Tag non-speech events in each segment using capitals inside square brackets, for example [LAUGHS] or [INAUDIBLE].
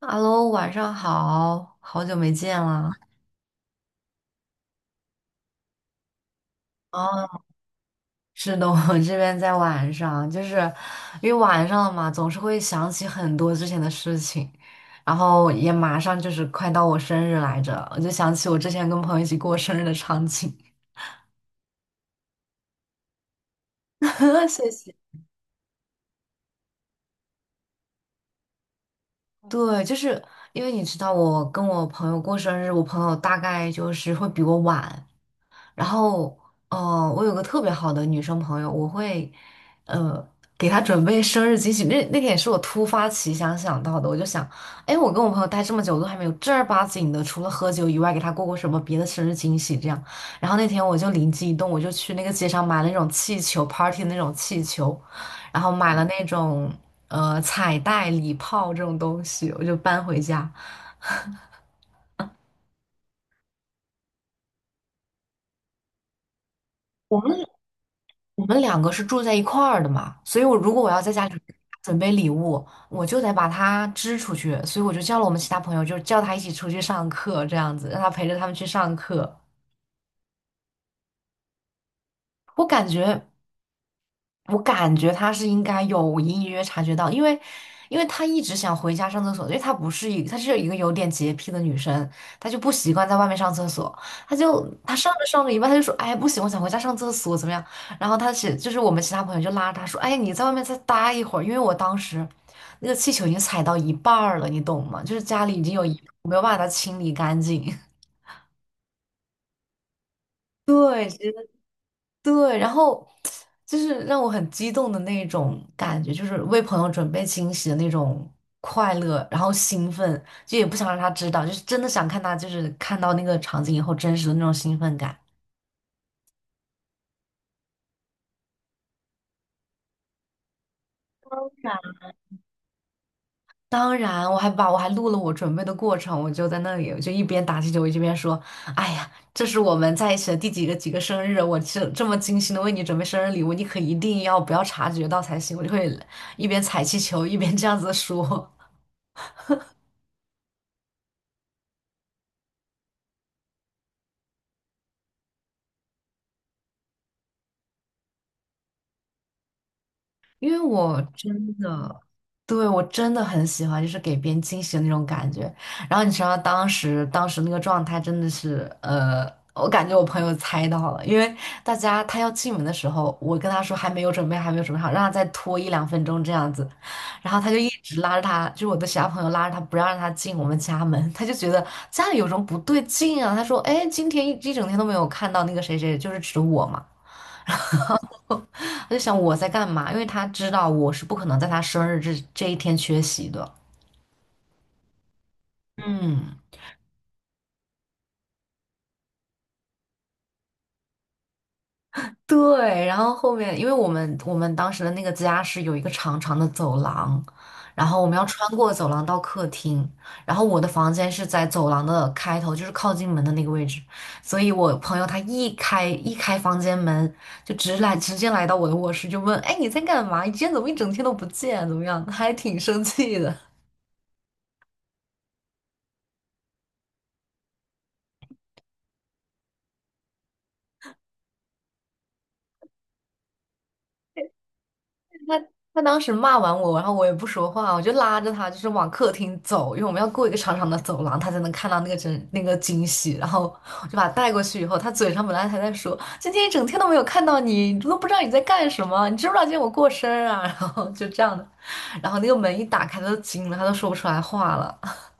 Hello，晚上好，好久没见了。哦，[LAUGHS] 是的，我这边在晚上，就是因为晚上了嘛，总是会想起很多之前的事情，然后也马上就是快到我生日来着，我就想起我之前跟朋友一起过生日的场景。[LAUGHS] 谢谢。对，就是因为你知道，我跟我朋友过生日，我朋友大概就是会比我晚，然后，我有个特别好的女生朋友，我会，呃，给她准备生日惊喜。那那天也是我突发奇想想到的，我就想，哎，我跟我朋友待这么久，都还没有正儿八经的，除了喝酒以外，给她过过什么别的生日惊喜这样。然后那天我就灵机一动，我就去那个街上买了那种气球 party 的那种气球，然后买了那种彩带、礼炮这种东西，我就搬回家。我们两个是住在一块儿的嘛，所以我如果我要在家里准备礼物，我就得把他支出去，所以我就叫了我们其他朋友，就是叫他一起出去上课，这样子让他陪着他们去上课。我感觉我感觉他是应该有隐隐约约察觉到，因为，因为她一直想回家上厕所，因为她不是一，她是一个有点洁癖的女生，她就不习惯在外面上厕所，她就她上着上着一半，她就说，哎，不行，我想回家上厕所，怎么样？然后她其就是我们其他朋友就拉着她说，哎，你在外面再待一会儿，因为我当时那个气球已经踩到一半儿了，你懂吗？就是家里已经有一没有办法把它清理干净。[LAUGHS] 对，对，然后就是让我很激动的那种感觉，就是为朋友准备惊喜的那种快乐，然后兴奋，就也不想让他知道，就是真的想看他，就是看到那个场景以后真实的那种兴奋感。当然，我还把我还录了我准备的过程，我就在那里，我就一边打气球，我一边说：“哎呀，这是我们在一起的第几个几个生日，我这这么精心的为你准备生日礼物，你可一定要不要察觉到才行。”我就会一边踩气球一边这样子说。因为我真的，对，我真的很喜欢，就是给别人惊喜的那种感觉。然后你知道当时那个状态真的是，我感觉我朋友猜到了，因为大家他要进门的时候，我跟他说还没有准备，还没有准备好，让他再拖一两分钟这样子。然后他就一直拉着他，就是我的其他朋友拉着他不让他进我们家门，他就觉得家里有什么不对劲啊。他说，哎，今天一一整天都没有看到那个谁谁，就是指我嘛。[LAUGHS] 我就想我在干嘛，因为他知道我是不可能在他生日这这一天缺席的。嗯，对。然后后面，因为我们当时的那个家是有一个长长的走廊，然后我们要穿过走廊到客厅，然后我的房间是在走廊的开头，就是靠近门的那个位置，所以我朋友他一开房间门，就直来直接来到我的卧室，就问：“哎，你在干嘛？你今天怎么一整天都不见？怎么样？”还挺生气的。他他当时骂完我，然后我也不说话，我就拉着他就是往客厅走，因为我们要过一个长长的走廊，他才能看到那个真那个惊喜。然后我就把他带过去以后，他嘴上本来还在说今天一整天都没有看到你，你都不知道你在干什么，你知不知道今天我过生日啊？[LAUGHS] 然后就这样的，然后那个门一打开，他都惊了，他都说不出来话了。[LAUGHS]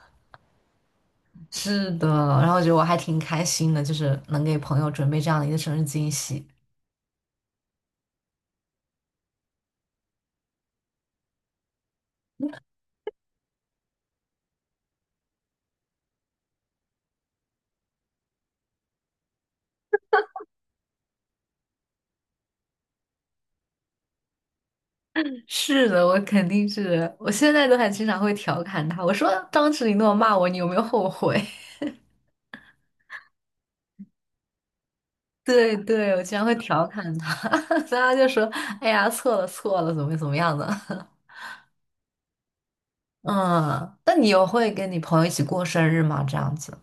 是的，然后我觉得我还挺开心的，就是能给朋友准备这样的一个生日惊喜。是的，我肯定是的，我现在都还经常会调侃他。我说当时你那么骂我，你有没有后悔？[LAUGHS] 对对，我经常会调侃他，[LAUGHS] 然后就说：“哎呀，错了错了，怎么怎么样的？”嗯，那你有会跟你朋友一起过生日吗？这样子？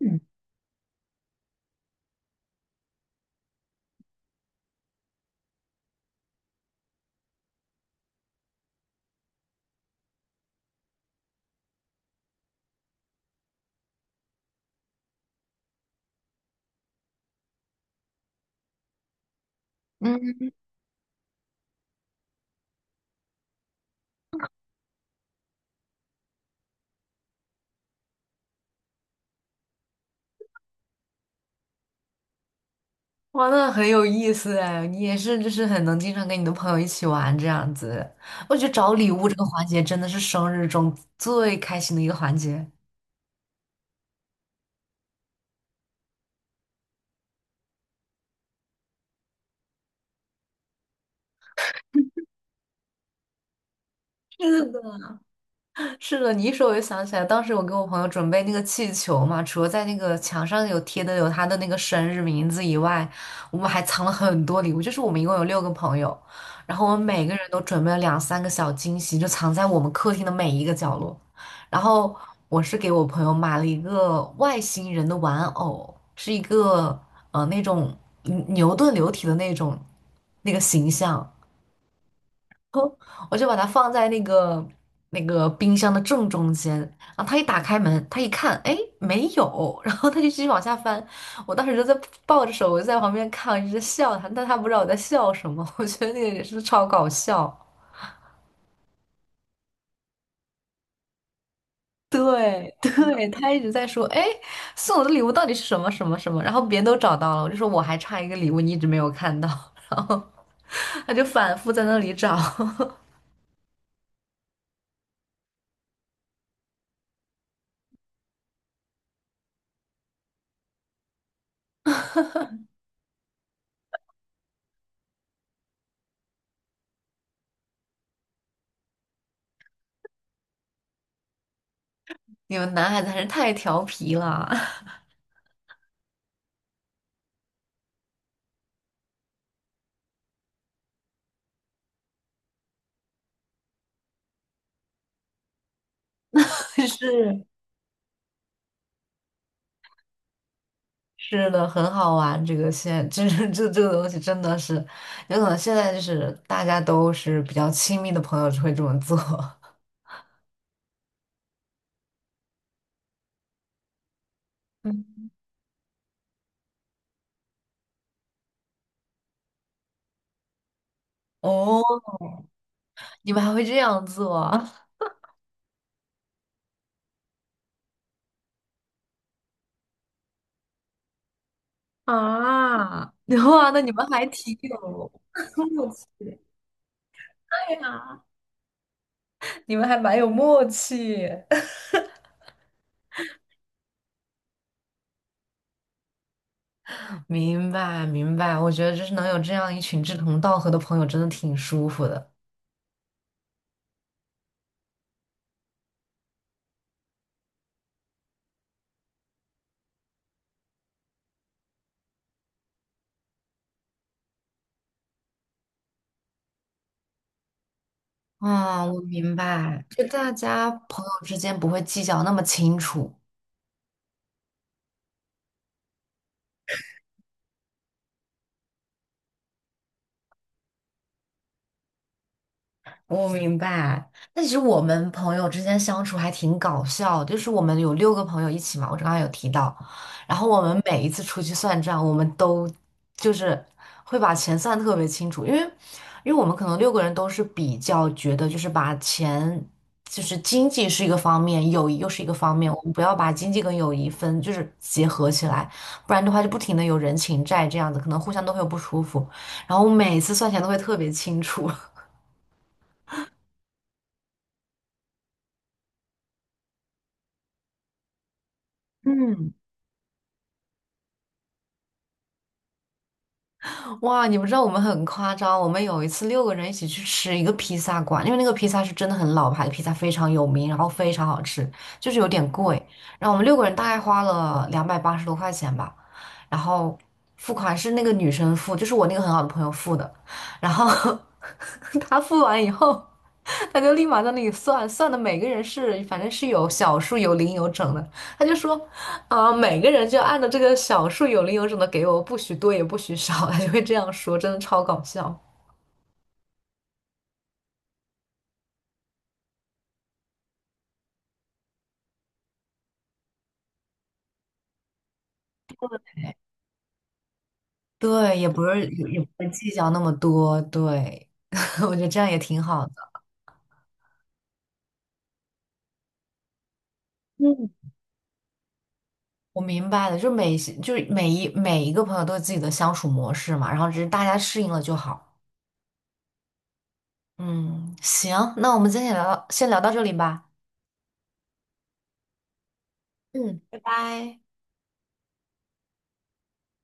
嗯嗯，哇，那很有意思哎，你也是，就是很能经常跟你的朋友一起玩这样子。我觉得找礼物这个环节真的是生日中最开心的一个环节。是的。是的，你一说我就想起来，当时我给我朋友准备那个气球嘛，除了在那个墙上有贴的有他的那个生日名字以外，我们还藏了很多礼物。就是我们一共有六个朋友，然后我们每个人都准备了两三个小惊喜，就藏在我们客厅的每一个角落。然后我是给我朋友买了一个外星人的玩偶，是一个那种牛顿流体的那种那个形象。我就把它放在那个那个冰箱的正中间，然后他一打开门，他一看，哎，没有，然后他就继续往下翻。我当时就在抱着手，我就在旁边看，一直在笑他，但他不知道我在笑什么，我觉得那个也是超搞笑。对对，他一直在说，哎，送我的礼物到底是什么什么什么，然后别人都找到了，我就说我还差一个礼物，你一直没有看到，然后他就反复在那里找。[LAUGHS] 你们男孩子还是太调皮了，[LAUGHS] 是。是的，很好玩。这个现这这这这个东西真的是，有可能现在就是大家都是比较亲密的朋友就会这么做。[LAUGHS] 嗯哦，你们还会这样做啊？[LAUGHS] 啊，哇，那你们还挺有 [LAUGHS] 默契的。对呀，你们还蛮有默契。[LAUGHS] 明白，明白。我觉得就是能有这样一群志同道合的朋友，真的挺舒服的。啊，我明白，就大家朋友之间不会计较那么清楚。我明白，但其实我们朋友之间相处还挺搞笑的，就是我们有六个朋友一起嘛，我刚刚有提到，然后我们每一次出去算账，我们都就是会把钱算得特别清楚，因为因为我们可能六个人都是比较觉得就是把钱就是经济是一个方面，友谊又是一个方面，我们不要把经济跟友谊分就是结合起来，不然的话就不停的有人情债这样子，可能互相都会有不舒服，然后每次算钱都会特别清楚。[LAUGHS] 嗯，哇，你不知道我们很夸张，我们有一次六个人一起去吃一个披萨馆，因为那个披萨是真的很老牌的披萨，非常有名，然后非常好吃，就是有点贵。然后我们六个人大概花了280多块钱吧，然后付款是那个女生付，就是我那个很好的朋友付的，然后 [LAUGHS] 她付完以后，他就立马在那里算，算的每个人是反正是有小数、有零、有整的。他就说，啊、每个人就按照这个小数、有零、有整的给我，不许多也不许少，[LAUGHS] 他就会这样说，真的超搞笑。对，也不是也也不会计较那么多，对，[LAUGHS] 我觉得这样也挺好的。嗯，我明白了，就每就是每一个朋友都有自己的相处模式嘛，然后只是大家适应了就好。嗯，行，那我们今天聊到先聊到这里吧。嗯，拜拜。